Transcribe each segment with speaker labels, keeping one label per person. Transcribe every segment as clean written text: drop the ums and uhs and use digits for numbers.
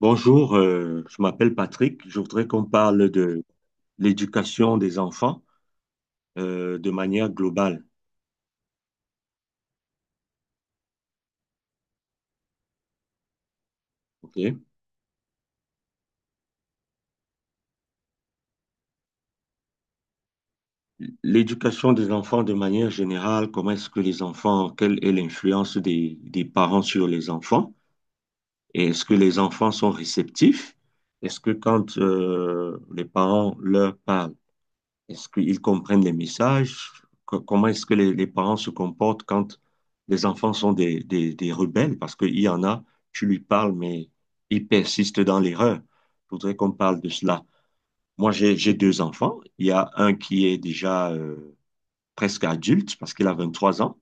Speaker 1: Bonjour, je m'appelle Patrick. Je voudrais qu'on parle de l'éducation des enfants de manière globale. Ok. L'éducation des enfants de manière générale, comment est-ce que les enfants, quelle est l'influence des parents sur les enfants? Et est-ce que les enfants sont réceptifs? Est-ce que quand les parents leur parlent, est-ce qu'ils comprennent les messages? Comment est-ce que les parents se comportent quand les enfants sont des rebelles? Parce qu'il y en a, tu lui parles, mais ils persistent dans l'erreur. Je voudrais qu'on parle de cela. Moi, j'ai deux enfants. Il y a un qui est déjà presque adulte parce qu'il a 23 ans.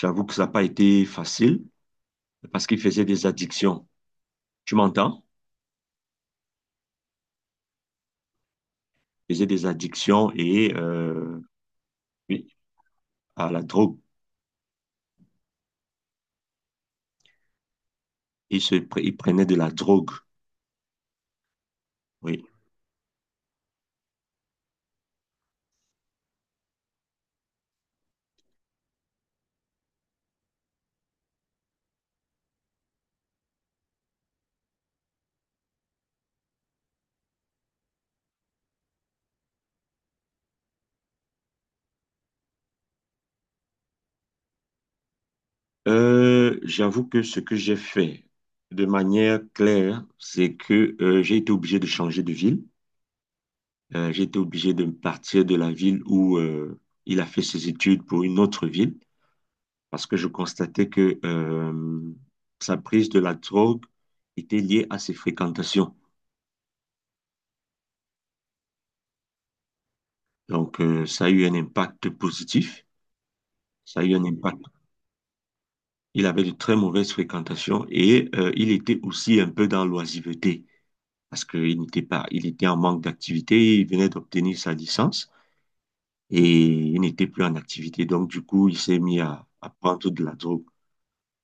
Speaker 1: J'avoue que ça n'a pas été facile parce qu'il faisait des addictions. Tu m'entends? Il faisait des addictions et oui, à la drogue. Il prenait de la drogue. Oui. J'avoue que ce que j'ai fait de manière claire, c'est que j'ai été obligé de changer de ville. J'ai été obligé de partir de la ville où il a fait ses études pour une autre ville parce que je constatais que sa prise de la drogue était liée à ses fréquentations. Donc, ça a eu un impact positif. Ça a eu un impact. Il avait de très mauvaises fréquentations et il était aussi un peu dans l'oisiveté. Parce qu'il n'était pas, il était en manque d'activité, il venait d'obtenir sa licence et il n'était plus en activité. Donc, du coup, il s'est mis à prendre de la drogue.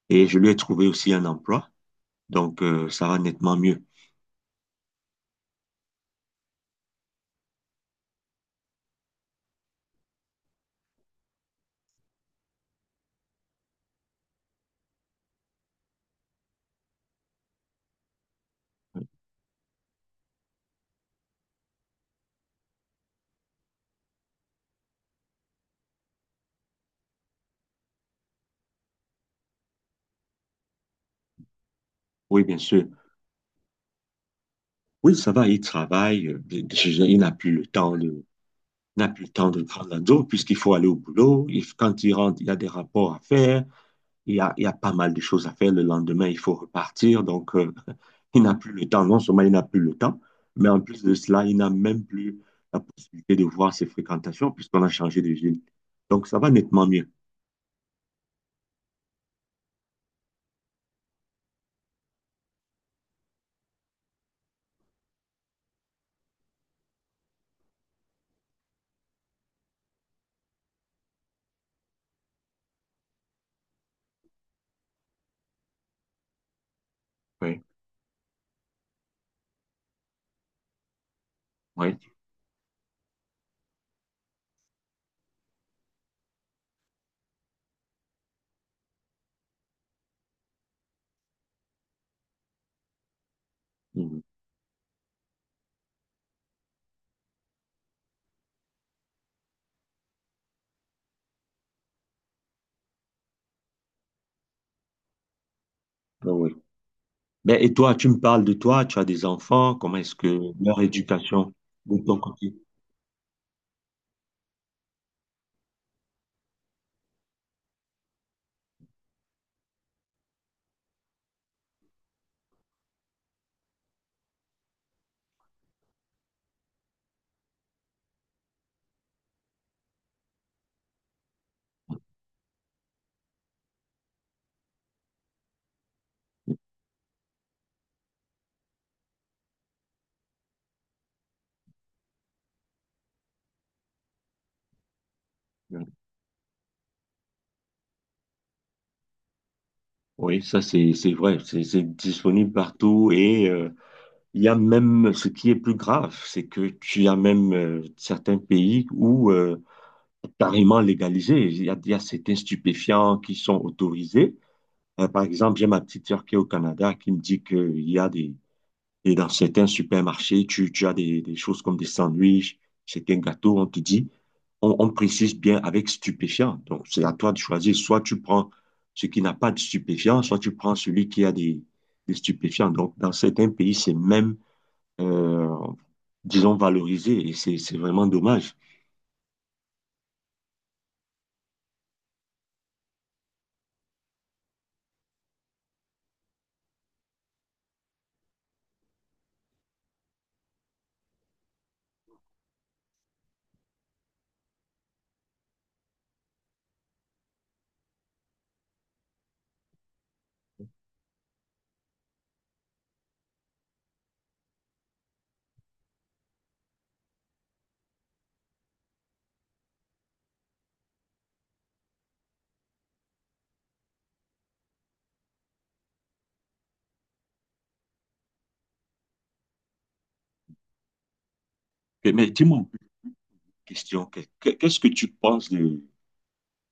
Speaker 1: Et je lui ai trouvé aussi un emploi, donc ça va nettement mieux. Oui, bien sûr. Oui, ça va, il travaille, il n'a plus le temps de prendre la drogue puisqu'il faut aller au boulot. Quand il rentre, il y a des rapports à faire. Il y a pas mal de choses à faire. Le lendemain, il faut repartir. Donc, il n'a plus le temps. Non seulement il n'a plus le temps, mais en plus de cela, il n'a même plus la possibilité de voir ses fréquentations puisqu'on a changé de ville. Donc, ça va nettement mieux. Oui, oui. Mhm. Ah oui. Ben, et toi, tu me parles de toi, tu as des enfants, comment est-ce que leur éducation de ton côté? Oui, ça c'est vrai, c'est disponible partout et il y a même ce qui est plus grave, c'est que tu as même certains pays où carrément légalisé. Il y a certains stupéfiants qui sont autorisés. Par exemple, j'ai ma petite sœur qui est au Canada qui me dit qu'il y a et dans certains supermarchés, tu as des, choses comme des sandwichs, certains gâteaux, on te dit, on précise bien avec stupéfiant. Donc, c'est à toi de choisir. Soit tu prends ce qui n'a pas de stupéfiant, soit tu prends celui qui a des stupéfiants. Donc, dans certains pays, c'est même euh, disons, valorisé. Et c'est vraiment dommage. Et mais dis-moi un peu une question. Qu'est-ce que tu penses de,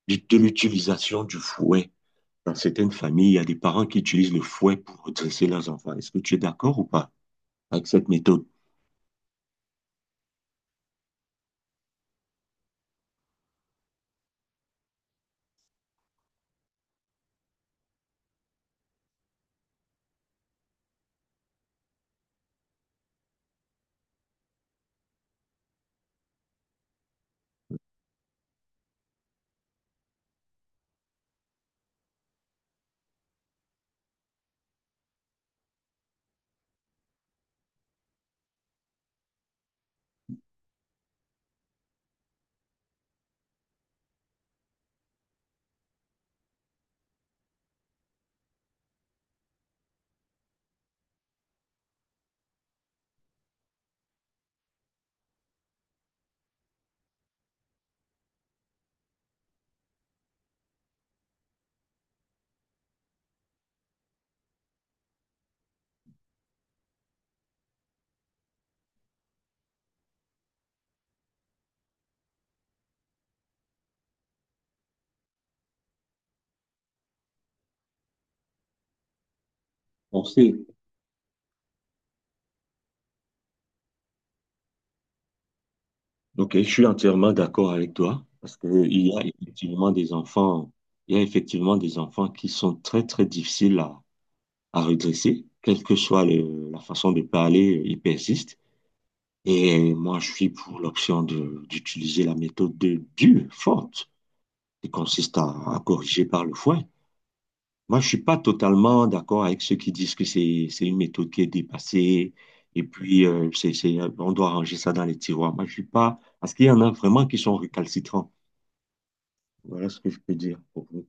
Speaker 1: de, de l'utilisation du fouet? Dans certaines familles, il y a des parents qui utilisent le fouet pour dresser leurs enfants. Est-ce que tu es d'accord ou pas avec cette méthode? On sait. Ok, je suis entièrement d'accord avec toi parce que il y a effectivement des enfants qui sont très, très difficiles à redresser, quelle que soit la façon de parler, ils persistent. Et moi, je suis pour l'option d'utiliser la méthode de dure, forte, qui consiste à corriger par le foin. Moi, je suis pas totalement d'accord avec ceux qui disent que c'est une méthode qui est dépassée et puis on doit ranger ça dans les tiroirs. Moi, je suis pas, parce qu'il y en a vraiment qui sont récalcitrants. Voilà ce que je peux dire pour vous.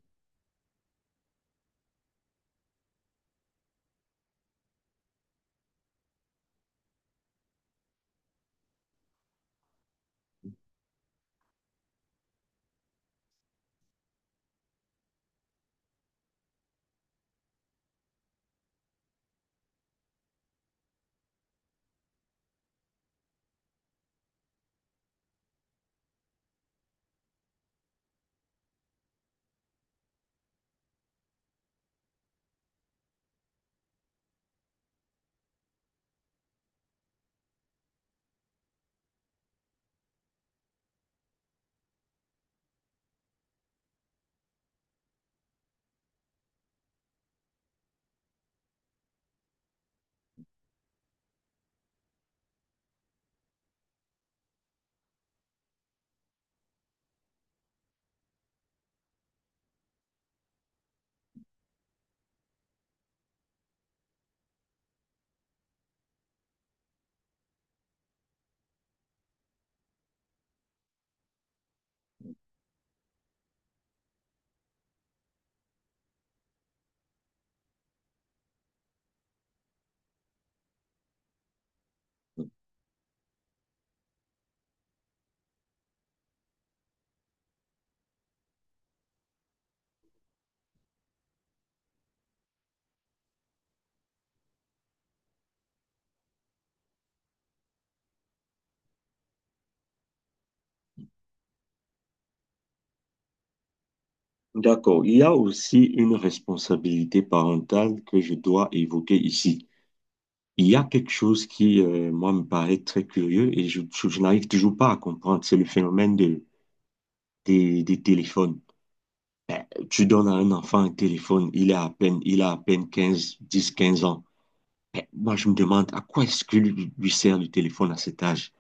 Speaker 1: D'accord. Il y a aussi une responsabilité parentale que je dois évoquer ici. Il y a quelque chose qui, moi, me paraît très curieux et je n'arrive toujours pas à comprendre. C'est le phénomène des téléphones. Tu donnes à un enfant un téléphone, il a à peine 15 ans. Mais moi, je me demande à quoi est-ce que lui sert le téléphone à cet âge?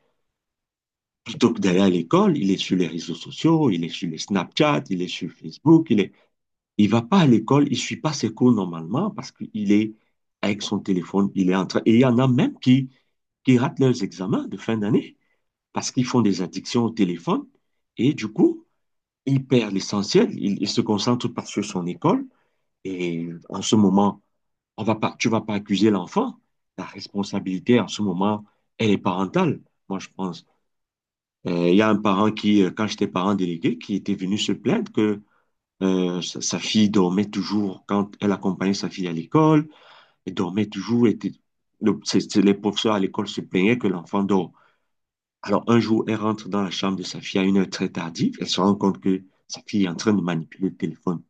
Speaker 1: Plutôt que d'aller à l'école, il est sur les réseaux sociaux, il est sur les Snapchat, il est sur Facebook, il est... Il va pas à l'école, il suit pas ses cours normalement parce qu'il est avec son téléphone, il est en train... Et il y en a même qui ratent leurs examens de fin d'année parce qu'ils font des addictions au téléphone et du coup, ils perdent l'essentiel, ils se concentrent tout par sur son école et en ce moment, on va pas, tu vas pas accuser l'enfant. La responsabilité en ce moment, elle est parentale, moi je pense. Il y a un parent qui, quand j'étais parent délégué, qui était venu se plaindre que sa fille dormait toujours quand elle accompagnait sa fille à l'école, elle dormait toujours, était, les professeurs à l'école se plaignaient que l'enfant dort. Alors, un jour, elle rentre dans la chambre de sa fille à une heure très tardive. Elle se rend compte que sa fille est en train de manipuler le téléphone,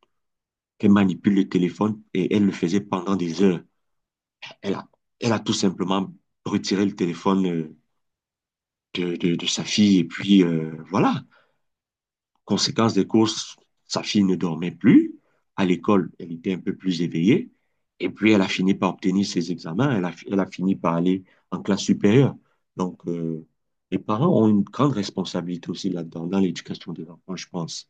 Speaker 1: qu'elle manipule le téléphone et elle le faisait pendant des heures. Elle a, elle a tout simplement retiré le téléphone de sa fille et puis voilà. Conséquence des courses, sa fille ne dormait plus. À l'école, elle était un peu plus éveillée. Et puis, elle a fini par obtenir ses examens. Elle a fini par aller en classe supérieure. Donc, les parents ont une grande responsabilité aussi là-dedans, dans l'éducation des enfants, je pense.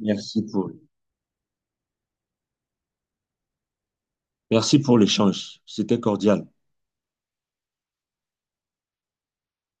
Speaker 1: Merci pour, merci pour l'échange. C'était cordial.